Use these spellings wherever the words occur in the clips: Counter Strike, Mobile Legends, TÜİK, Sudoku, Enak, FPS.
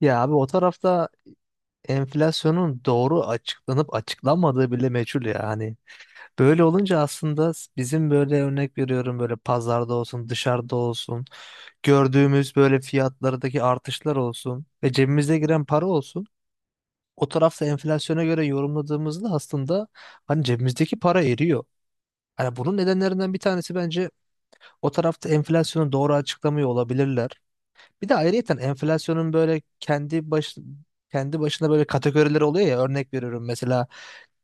Ya abi o tarafta enflasyonun doğru açıklanıp açıklanmadığı bile meçhul ya. Hani böyle olunca aslında bizim, böyle örnek veriyorum, böyle pazarda olsun dışarıda olsun gördüğümüz böyle fiyatlardaki artışlar olsun ve cebimize giren para olsun. O tarafta enflasyona göre yorumladığımızda aslında hani cebimizdeki para eriyor. Hani bunun nedenlerinden bir tanesi bence o tarafta enflasyonu doğru açıklamıyor olabilirler. Bir de ayrıyeten enflasyonun böyle kendi başına böyle kategorileri oluyor ya, örnek veriyorum, mesela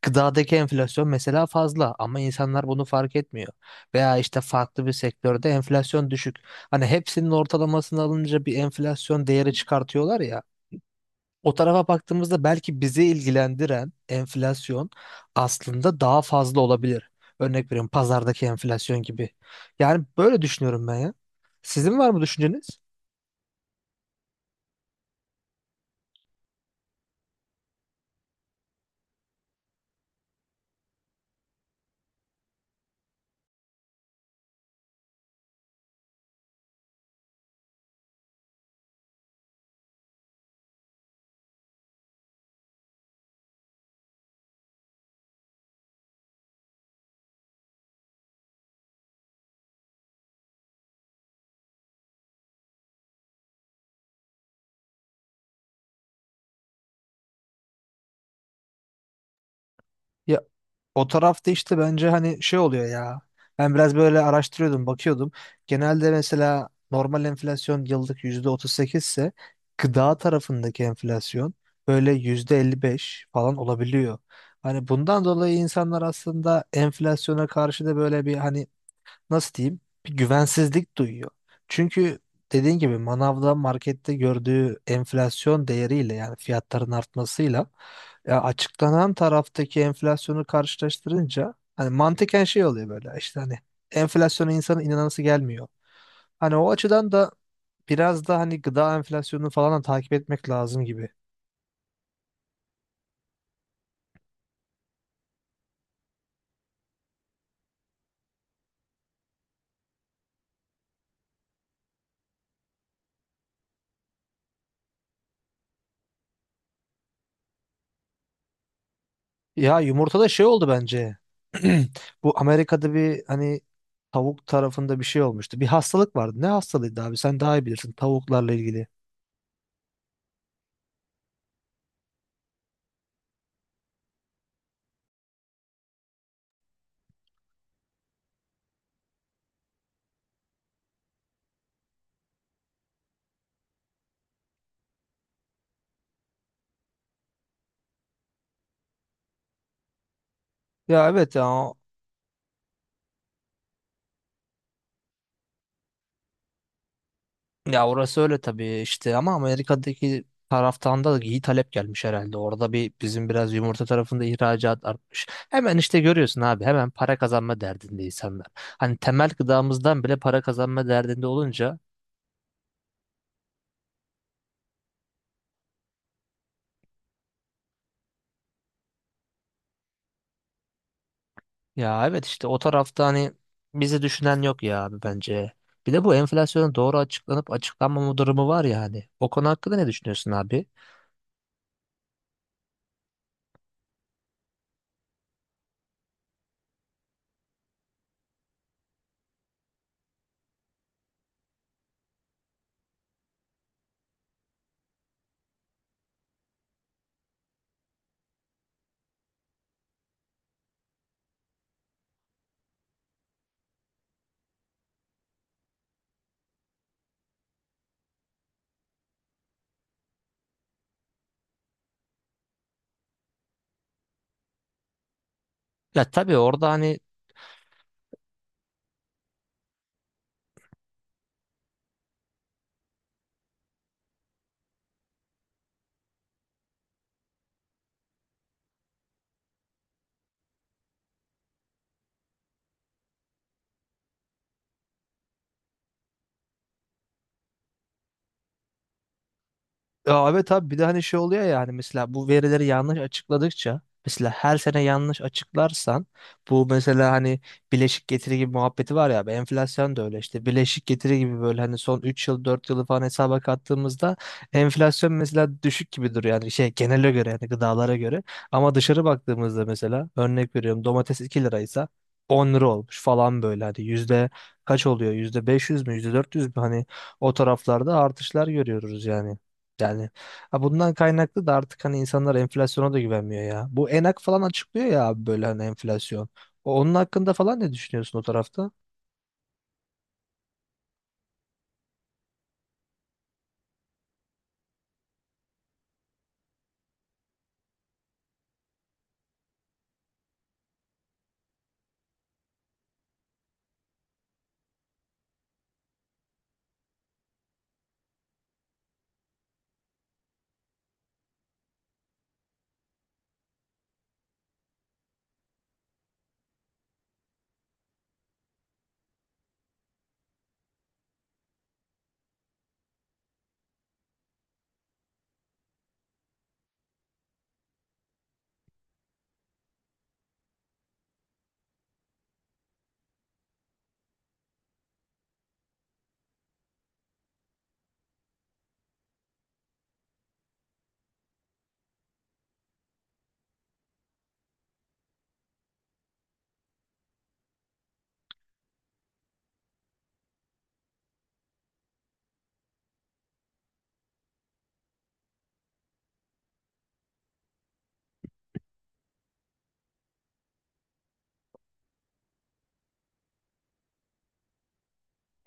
gıdadaki enflasyon mesela fazla ama insanlar bunu fark etmiyor. Veya işte farklı bir sektörde enflasyon düşük. Hani hepsinin ortalamasını alınca bir enflasyon değeri çıkartıyorlar ya. O tarafa baktığımızda belki bizi ilgilendiren enflasyon aslında daha fazla olabilir. Örnek veriyorum, pazardaki enflasyon gibi. Yani böyle düşünüyorum ben ya. Sizin var mı düşünceniz? Ya. O tarafta işte bence hani şey oluyor ya. Ben biraz böyle araştırıyordum, bakıyordum. Genelde mesela normal enflasyon yıllık %38 ise gıda tarafındaki enflasyon böyle %55 falan olabiliyor. Hani bundan dolayı insanlar aslında enflasyona karşı da böyle bir, hani nasıl diyeyim, bir güvensizlik duyuyor. Çünkü dediğin gibi manavda markette gördüğü enflasyon değeriyle, yani fiyatların artmasıyla, ya açıklanan taraftaki enflasyonu karşılaştırınca hani mantıken şey oluyor, böyle işte hani enflasyona insanın inanası gelmiyor. Hani o açıdan da biraz da hani gıda enflasyonunu falan da takip etmek lazım gibi. Ya yumurtada şey oldu bence. Bu Amerika'da bir hani tavuk tarafında bir şey olmuştu. Bir hastalık vardı. Ne hastalığıydı abi? Sen daha iyi bilirsin tavuklarla ilgili. Ya evet ya. Ya orası öyle tabii işte ama Amerika'daki taraftan da iyi talep gelmiş herhalde. Orada bir bizim biraz yumurta tarafında ihracat artmış. Hemen işte görüyorsun abi, hemen para kazanma derdindeyiz insanlar. Hani temel gıdamızdan bile para kazanma derdinde olunca ya evet, işte o tarafta hani bizi düşünen yok ya abi bence. Bir de bu enflasyonun doğru açıklanıp açıklanmama durumu var ya hani. O konu hakkında ne düşünüyorsun abi? Ya tabii orada hani ya evet abi, bir de hani şey oluyor yani, mesela bu verileri yanlış açıkladıkça, mesela her sene yanlış açıklarsan bu mesela hani bileşik getiri gibi muhabbeti var ya abi, enflasyon da öyle işte, bileşik getiri gibi böyle, hani son 3 yıl 4 yılı falan hesaba kattığımızda enflasyon mesela düşük gibi duruyor yani, şey genele göre, yani gıdalara göre. Ama dışarı baktığımızda mesela, örnek veriyorum, domates 2 liraysa 10 lira olmuş falan, böyle hani yüzde kaç oluyor, %500 mü, %400 mü, hani o taraflarda artışlar görüyoruz yani. Yani ha, bundan kaynaklı da artık hani insanlar enflasyona da güvenmiyor ya. Bu Enak falan açıklıyor ya abi, böyle hani enflasyon. Onun hakkında falan ne düşünüyorsun o tarafta?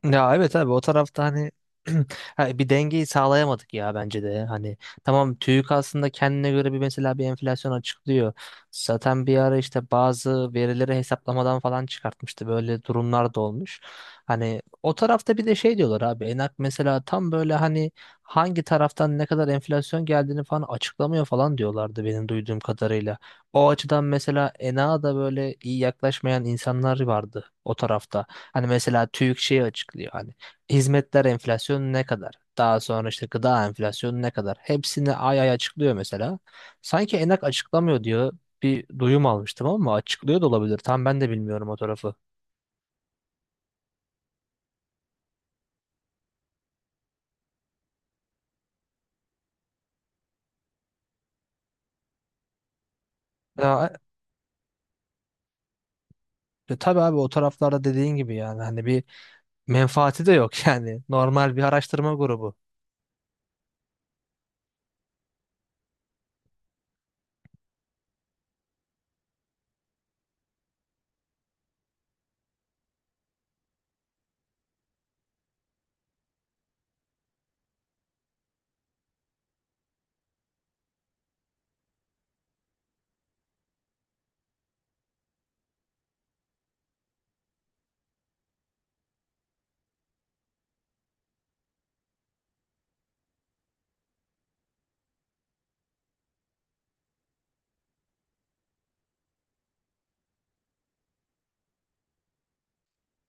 Ya evet abi, o tarafta hani ha, bir dengeyi sağlayamadık ya bence de. Hani tamam, TÜİK aslında kendine göre bir, mesela bir enflasyon açıklıyor. Zaten bir ara işte bazı verileri hesaplamadan falan çıkartmıştı. Böyle durumlar da olmuş. Hani o tarafta bir de şey diyorlar abi, Enak mesela tam böyle hani hangi taraftan ne kadar enflasyon geldiğini falan açıklamıyor falan diyorlardı benim duyduğum kadarıyla. O açıdan mesela Enak'a da böyle iyi yaklaşmayan insanlar vardı o tarafta. Hani mesela TÜİK şeyi açıklıyor, hani hizmetler enflasyonu ne kadar? Daha sonra işte gıda enflasyonu ne kadar? Hepsini ay ay açıklıyor mesela. Sanki Enak açıklamıyor diyor. Bir duyum almıştım ama açıklıyor da olabilir. Tam ben de bilmiyorum o tarafı. Ya, tabii abi, o taraflarda dediğin gibi yani hani bir menfaati de yok yani. Normal bir araştırma grubu.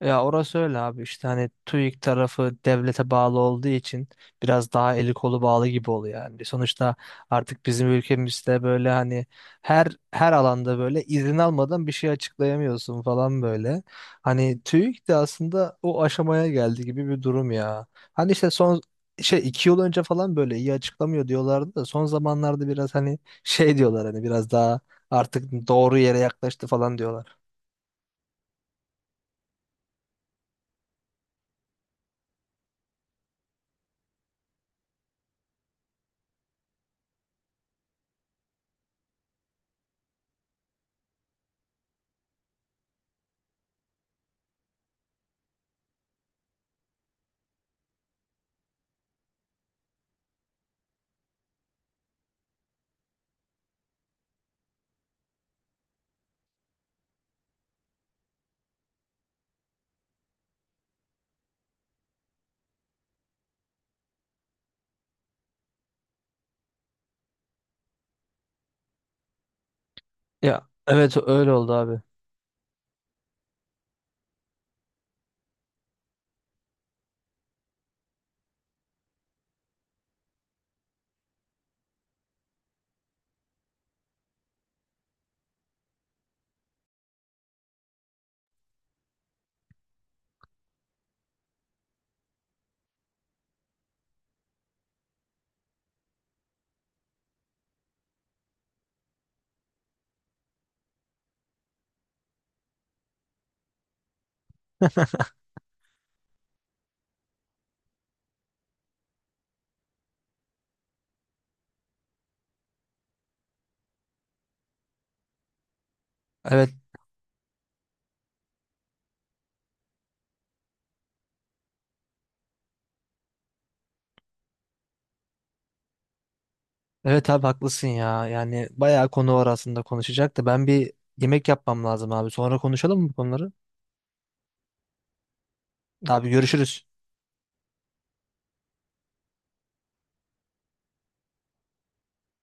Ya orası öyle abi, işte hani TÜİK tarafı devlete bağlı olduğu için biraz daha eli kolu bağlı gibi oluyor yani. Sonuçta artık bizim ülkemizde böyle hani her alanda böyle izin almadan bir şey açıklayamıyorsun falan böyle. Hani TÜİK de aslında o aşamaya geldi gibi bir durum ya. Hani işte son şey, 2 yıl önce falan böyle iyi açıklamıyor diyorlardı da son zamanlarda biraz hani şey diyorlar, hani biraz daha artık doğru yere yaklaştı falan diyorlar. Ya evet öyle oldu abi. Evet. Evet abi, haklısın ya. Yani bayağı konu var aslında konuşacak da ben bir yemek yapmam lazım abi. Sonra konuşalım mı bu konuları? Abi görüşürüz.